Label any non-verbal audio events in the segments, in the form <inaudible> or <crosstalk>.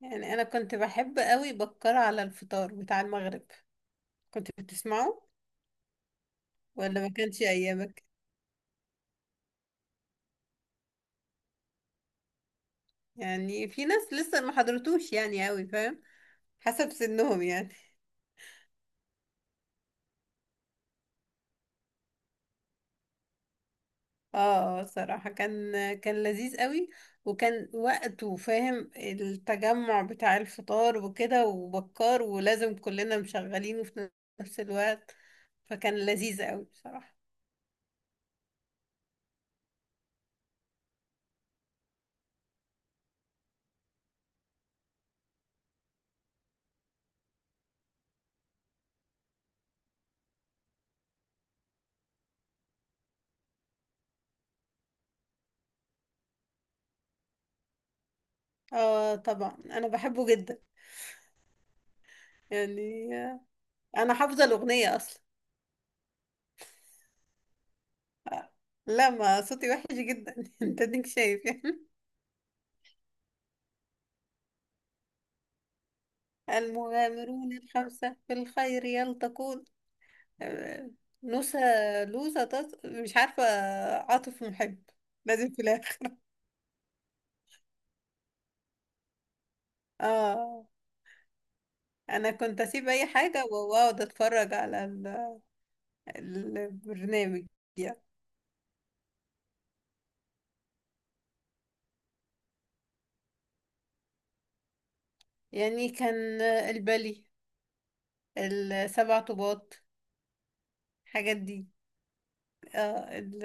يعني انا كنت بحب قوي بكر على الفطار بتاع المغرب. كنت بتسمعه؟ ولا ما كانش ايامك؟ يعني في ناس لسه ما حضرتوش يعني قوي فاهم، حسب سنهم يعني. صراحة كان لذيذ قوي. وكان وقته فاهم، التجمع بتاع الفطار وكده وبكار، ولازم كلنا مشغلينه في نفس الوقت. فكان لذيذ قوي بصراحة. اه طبعا انا بحبه جدا. يعني انا حافظة الأغنية اصلا. لا، ما صوتي وحش جدا <laughs> انت ديك شايف يعني. المغامرون الخمسة في الخير يلتقون. آه، نوسة، لوسة مش عارفة، عاطف محب. لازم في الآخر. اه، أنا كنت أسيب أي حاجة وأقعد أتفرج على البرنامج يعني. يعني كان البلي، السبع طوبات، الحاجات دي. اه،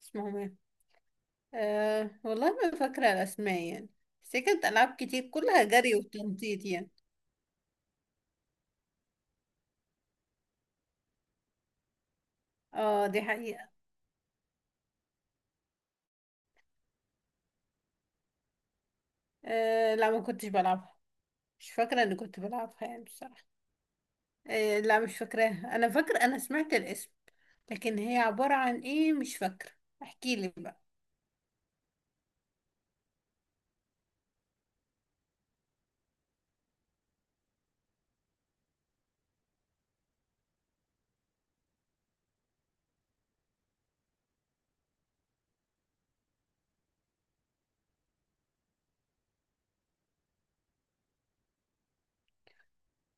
اسمهم إيه؟ أه والله ما فاكرة الأسماء يعني. بس هي كانت ألعاب كتير، كلها جري وتنطيط يعني. اه دي حقيقة. أه لا، ما كنتش بلعبها. مش فاكرة إني كنت بلعبها يعني بصراحة. أه لا، مش فاكراها. أنا فاكرة أنا سمعت الاسم، لكن هي عبارة عن إيه مش فاكرة. احكيلي بقى.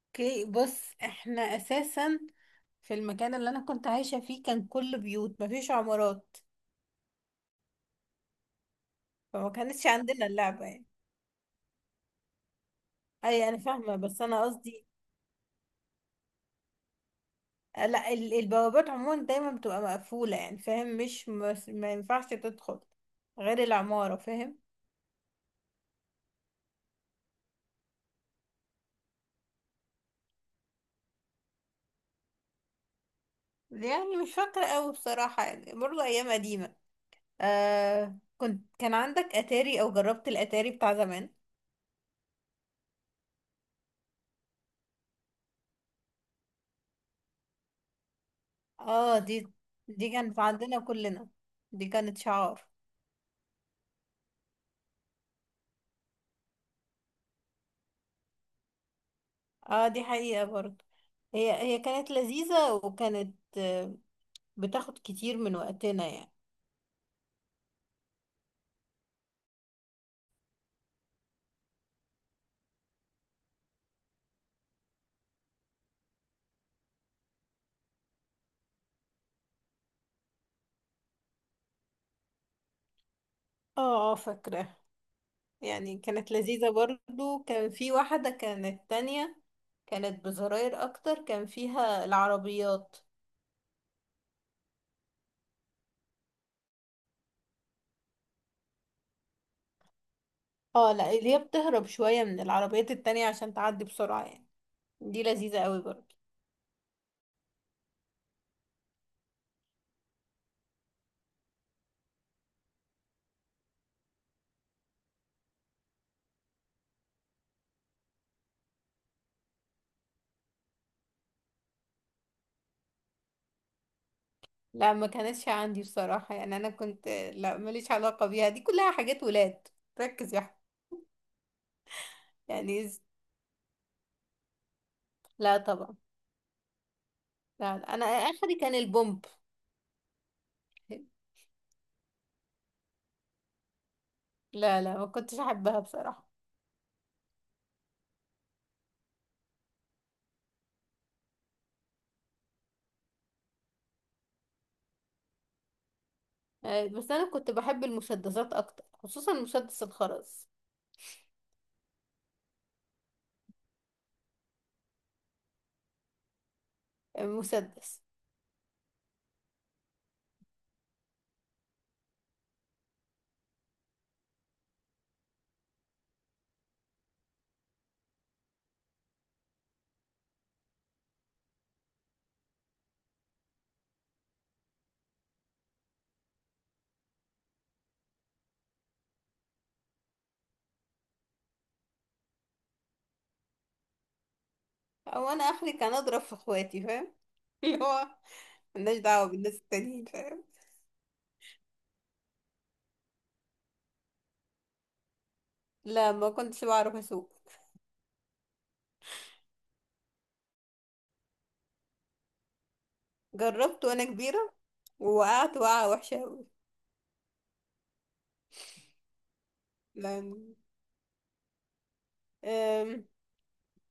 اوكي، بص احنا أساسا في المكان اللي أنا كنت عايشة فيه كان كله بيوت، مفيش عمارات. فما كانتش عندنا اللعبة يعني. أي أنا فاهمة، بس أنا قصدي. لا، البوابات عموما دايما بتبقى مقفولة، يعني فاهم، مش ما ينفعش تدخل غير العمارة فاهم. يعني مش فاكرة أوي بصراحة يعني، برضه أيام قديمة. آه كنت كان عندك أتاري أو جربت الأتاري بتاع زمان؟ اه، دي كانت عندنا كلنا، دي كانت شعار. اه دي حقيقة برضه. هي كانت لذيذة وكانت بتاخد كتير من وقتنا يعني. اه اه فاكرة. يعني كانت لذيذة برضو. كان في واحدة كانت تانية، كانت بزراير اكتر، كان فيها العربيات. اه لا، اللي هي بتهرب شوية من العربيات التانية عشان تعدي بسرعة يعني. دي لذيذة قوي برضو. لا، ما كانتش عندي بصراحة يعني. انا كنت لا ماليش علاقة بيها، دي كلها حاجات ولاد. ركز يا أحمد. يعني لا طبعا. لا لا. انا اخري كان البومب. لا لا، ما كنتش احبها بصراحة. بس انا كنت بحب المسدسات اكتر، خصوصا مسدس الخرز. مسدس. او انا اخري كان اضرب في اخواتي فاهم، <laughs> اللي هو ملناش دعوه بالناس التانيين فاهم. لا، ما كنتش بعرف اسوق. جربت وانا كبيره، ووقعت وقعه وحشه قوي. لان أم،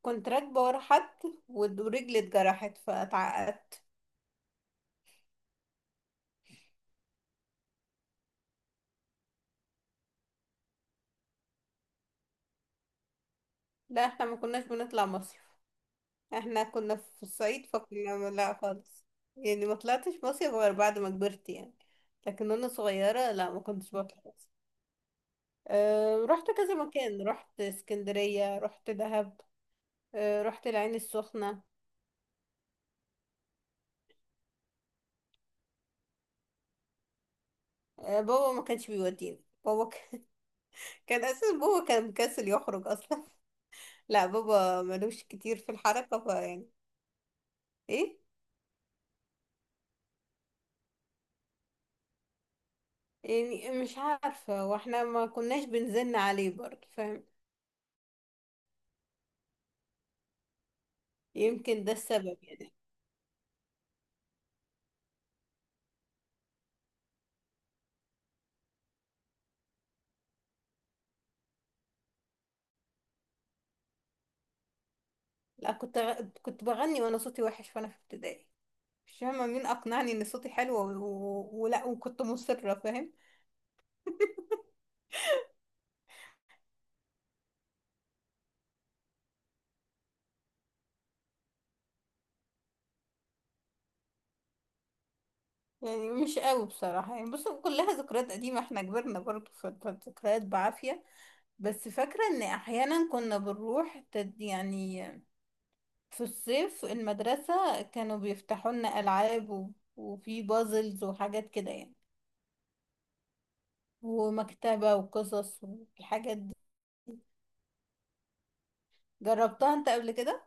كنت راكبه ورا حد، ورجلي اتجرحت فاتعقدت. لا، احنا ما كناش بنطلع مصيف. احنا كنا في الصعيد فكنا لا خالص. يعني ما طلعتش مصيف غير بعد ما كبرت يعني. لكن وانا صغيره لا، ما كنتش بطلع. أه رحت كذا مكان، رحت اسكندرية، رحت دهب، أه رحت العين السخنة. أه بابا ما كانش بيوديني. بابا <laughs> كان أساس بابا كان مكسل يخرج أصلا. <laughs> لا بابا ملوش كتير في الحركة فيعني إيه. يعني مش عارفة، واحنا ما كناش بنزن عليه برضه فاهم. يمكن ده السبب يعني. لا، كنت بغني وأنا صوتي وحش وأنا في ابتدائي. مش فاهمة مين أقنعني إن صوتي حلو ولا، وكنت مصرة فاهم. يعني مش قوي بصراحة يعني، بص كلها ذكريات قديمة، احنا كبرنا برضه فالذكريات بعافية. بس فاكرة ان احيانا كنا بنروح يعني في الصيف المدرسة كانوا بيفتحوا لنا العاب وفي بازلز وحاجات كده يعني، ومكتبة وقصص والحاجات دي. جربتها انت قبل كده؟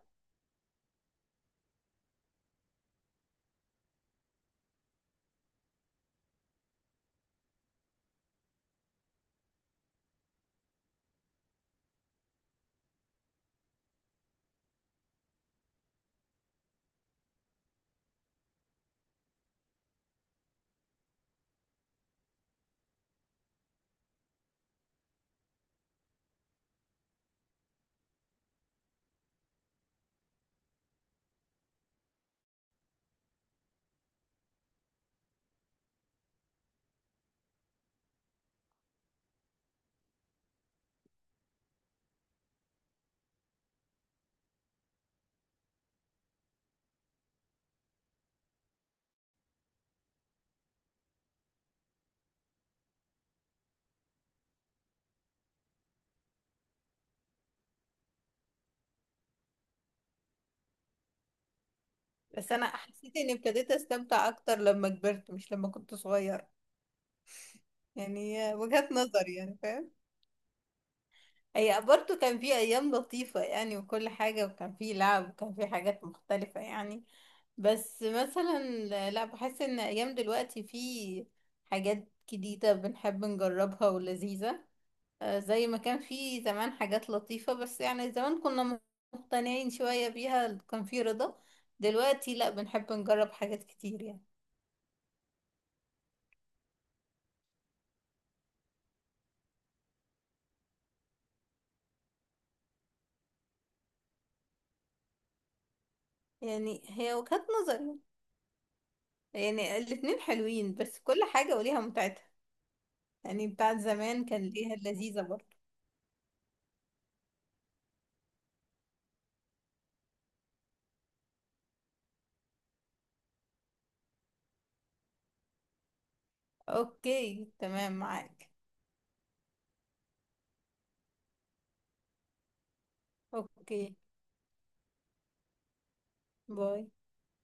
بس انا حسيت اني ابتديت استمتع اكتر لما كبرت، مش لما كنت صغير. يعني وجهة نظر يعني فاهم. هي برضو كان في ايام لطيفة يعني، وكل حاجة، وكان في لعب وكان في حاجات مختلفة يعني. بس مثلا، لا، بحس ان ايام دلوقتي في حاجات جديدة بنحب نجربها ولذيذة. زي ما كان في زمان حاجات لطيفة، بس يعني زمان كنا مقتنعين شوية بيها، كان في رضا. دلوقتي لا، بنحب نجرب حاجات كتير يعني. يعني هي وجهات نظري يعني. يعني الاتنين حلوين، بس كل حاجة وليها متعتها. يعني بتاعت زمان كان ليها اللذيذة برضه. اوكي تمام معاك. اوكي. باي.